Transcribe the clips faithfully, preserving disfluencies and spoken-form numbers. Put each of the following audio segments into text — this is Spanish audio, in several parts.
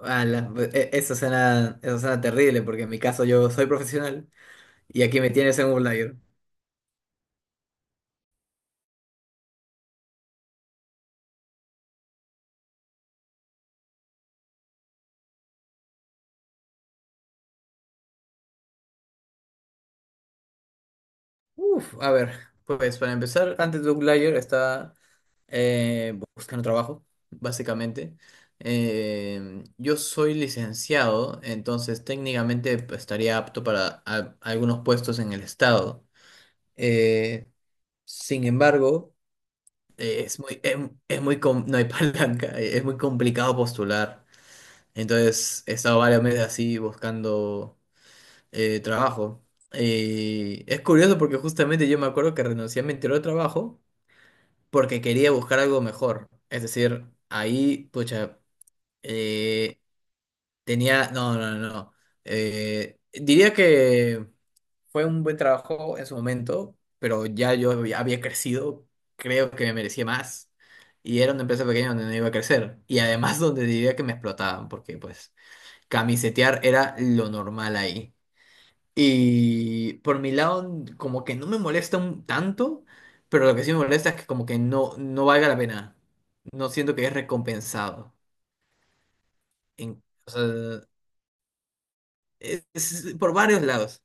Ala, e- eso suena, eso suena terrible porque en mi caso yo soy profesional y aquí me tienes en un layer. Uf, a ver, pues para empezar, antes de un layer está eh, buscando trabajo, básicamente. Eh, yo soy licenciado, entonces técnicamente pues, estaría apto para a- algunos puestos en el estado. Eh, sin embargo, eh, es muy, es, es muy, com- no hay palanca, eh, es muy complicado postular. Entonces he estado varios meses así buscando eh, trabajo. Y es curioso porque justamente yo me acuerdo que renuncié a mi anterior trabajo porque quería buscar algo mejor. Es decir, ahí, pucha, eh, tenía... No, no, no. no. Eh, diría que fue un buen trabajo en su momento, pero ya yo había había crecido, creo que me merecía más. Y era una empresa pequeña donde no iba a crecer. Y además donde diría que me explotaban porque pues... Camisetear era lo normal ahí. Y por mi lado, como que no me molesta un tanto, pero lo que sí me molesta es que como que no, no valga la pena. No siento que es recompensado. En- o sea, es, es por varios lados.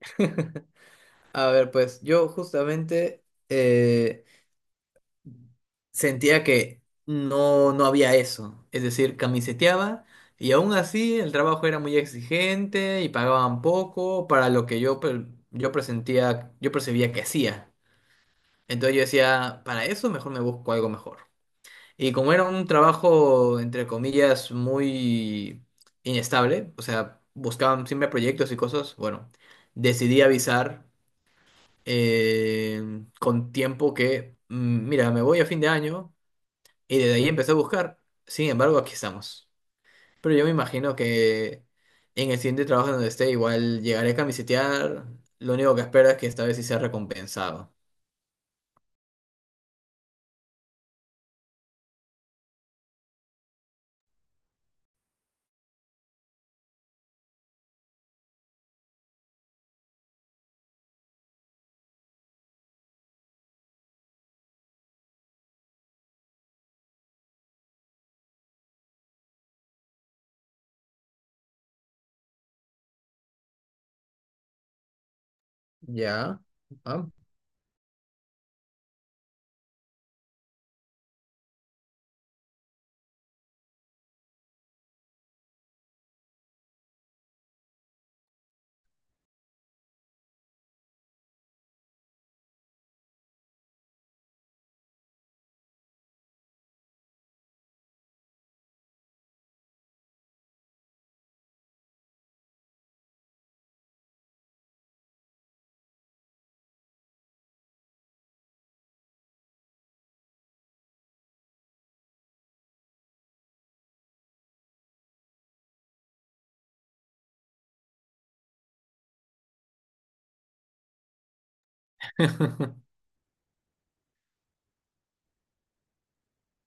A ver, pues yo justamente eh, sentía que no, no había eso. Es decir, camiseteaba y aún así el trabajo era muy exigente y pagaban poco para lo que yo, per- yo presentía, yo percibía que hacía. Entonces yo decía, para eso mejor me busco algo mejor. Y como era un trabajo, entre comillas, muy inestable, o sea, buscaban siempre proyectos y cosas, bueno, decidí avisar eh, con tiempo que, mm, mira, me voy a fin de año. Y desde ahí empecé a buscar. Sin embargo, aquí estamos. Pero yo me imagino que en el siguiente trabajo donde esté, igual llegaré a camisetear. Lo único que espero es que esta vez sí sea recompensado. Ya. Ah.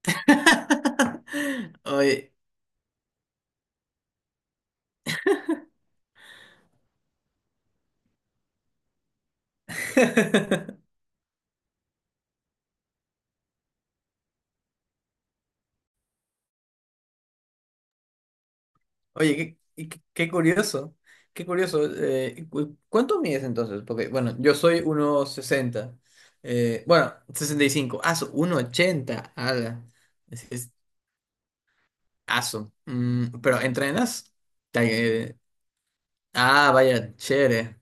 Oye. Oye, qué, y qué- qué curioso. Qué curioso. Eh, cu- ¿cuánto mides entonces? Porque, bueno, yo soy uno sesenta. Eh, bueno, sesenta y cinco. Ah, su- uno ochenta. Ala. Aso. Mm, pero ¿entrenas? Te- ah, vaya, chévere.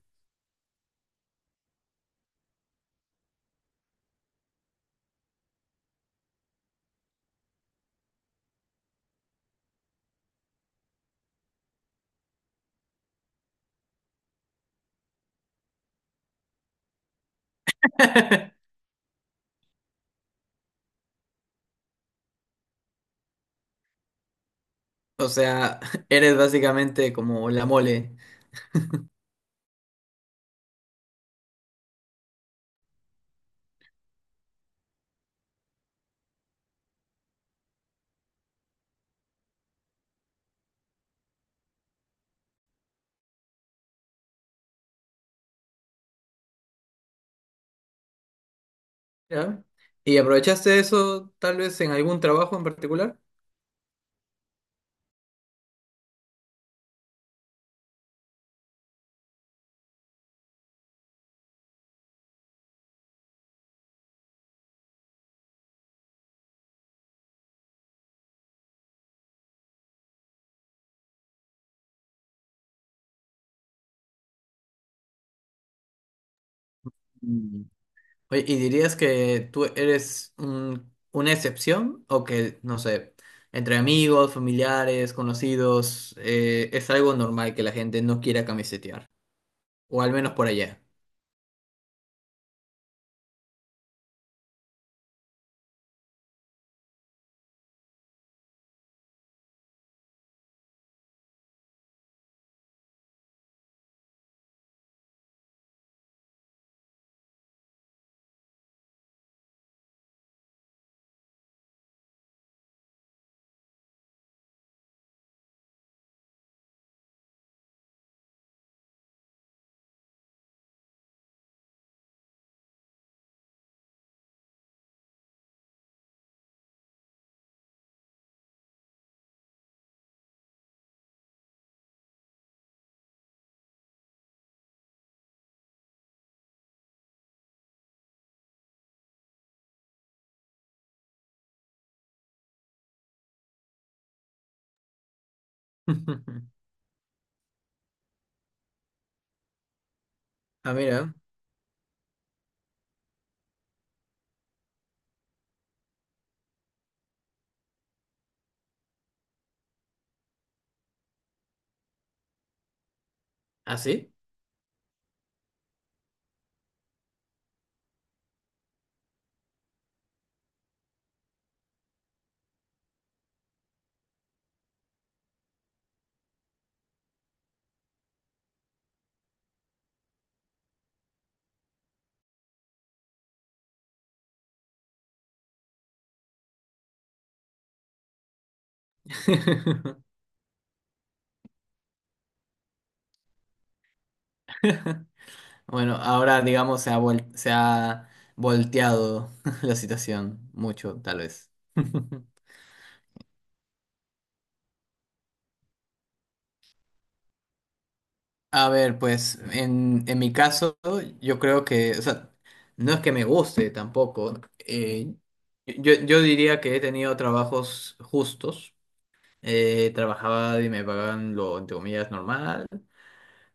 O sea, eres básicamente como la mole. ¿ya? ¿Y aprovechaste eso tal vez en algún trabajo en particular? Mm. Oye, ¿y dirías que tú eres un- una excepción o que, no sé, entre amigos, familiares, conocidos, eh, es algo normal que la gente no quiera camisetear? O al menos por allá. Ah, mira, ¿así? Bueno, ahora digamos se ha, vuel- se ha volteado la situación mucho, tal vez. A ver, pues en, en mi caso, yo creo que, o sea, no es que me guste tampoco. eh, yo, yo diría que he tenido trabajos justos. eh, trabajaba y me pagaban lo, entre comillas, normal.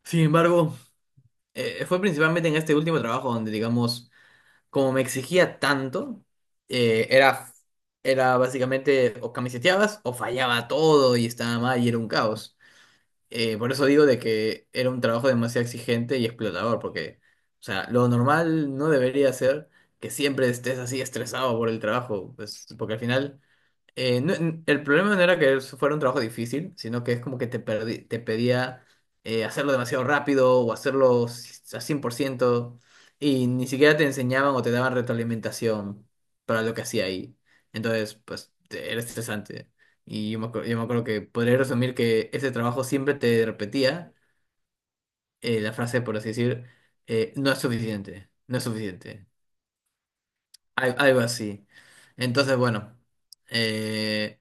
Sin embargo, eh, fue principalmente en este último trabajo donde, digamos, como me exigía tanto, eh, era, era básicamente o camiseteabas o fallaba todo y estaba mal y era un caos. Eh, por eso digo de que era un trabajo demasiado exigente y explotador, porque, o sea, lo normal no debería ser que siempre estés así estresado por el trabajo, pues, porque al final eh, no- n- el problema no era que eso fuera un trabajo difícil, sino que es como que te, perdi- te pedía eh, hacerlo demasiado rápido o hacerlo c- a cien por ciento y ni siquiera te enseñaban o te daban retroalimentación para lo que hacía ahí. Entonces, pues te- era estresante. Y yo me, acuer- yo me acuerdo que podría resumir que ese trabajo siempre te repetía eh, la frase, por así decir, eh, no es suficiente, no es suficiente, al- algo así. Entonces, bueno, eh,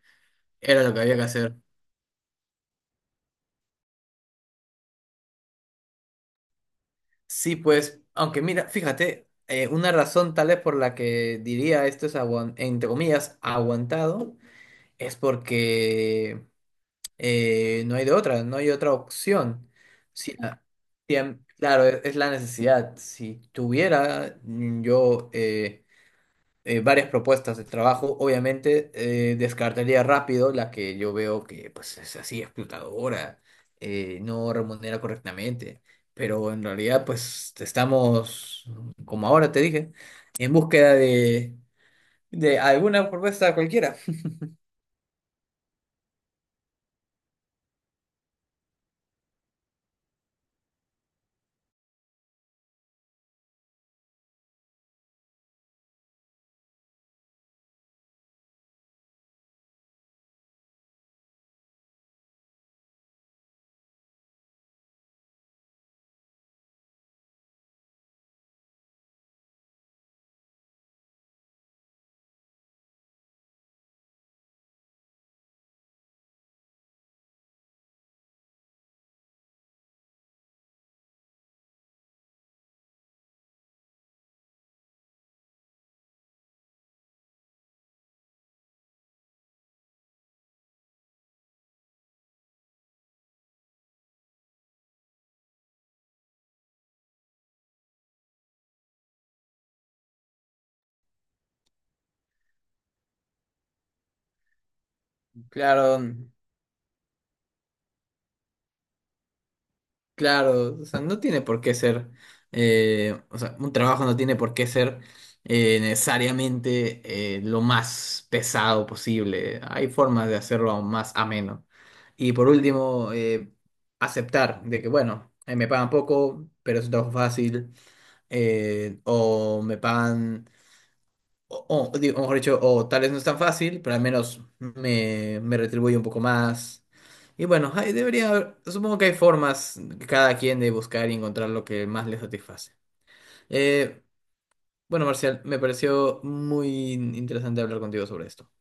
era lo que había que hacer. Sí, pues, aunque mira, fíjate, eh, una razón tal vez por la que diría esto es, aguan- entre comillas, aguantado, es porque eh, no hay de otra, no hay otra opción. Si la- si am- Claro, e- es, la necesidad. Si tuviera mm, yo eh, eh, varias propuestas de trabajo. Obviamente, eh, descartaría rápido la que yo veo que pues, es así explotadora, eh, no remunera correctamente. Pero en realidad, pues estamos, como ahora te dije, en búsqueda de, de alguna propuesta cualquiera. Claro, Claro, o sea, no tiene por qué ser, eh, o sea, un trabajo no tiene por qué ser eh, necesariamente eh, lo más pesado posible. Hay formas de hacerlo aún más ameno. Y por último, eh, aceptar de que, bueno, eh, me pagan poco, pero es un trabajo fácil, eh, o me pagan o, o, digo, mejor dicho, o tal vez no es tan fácil, pero al menos me, me retribuye un poco más. Y bueno, hay debería haber, supongo que hay formas que cada quien de buscar y encontrar lo que más le satisface. Eh, bueno, Marcial, me pareció muy interesante hablar contigo sobre esto.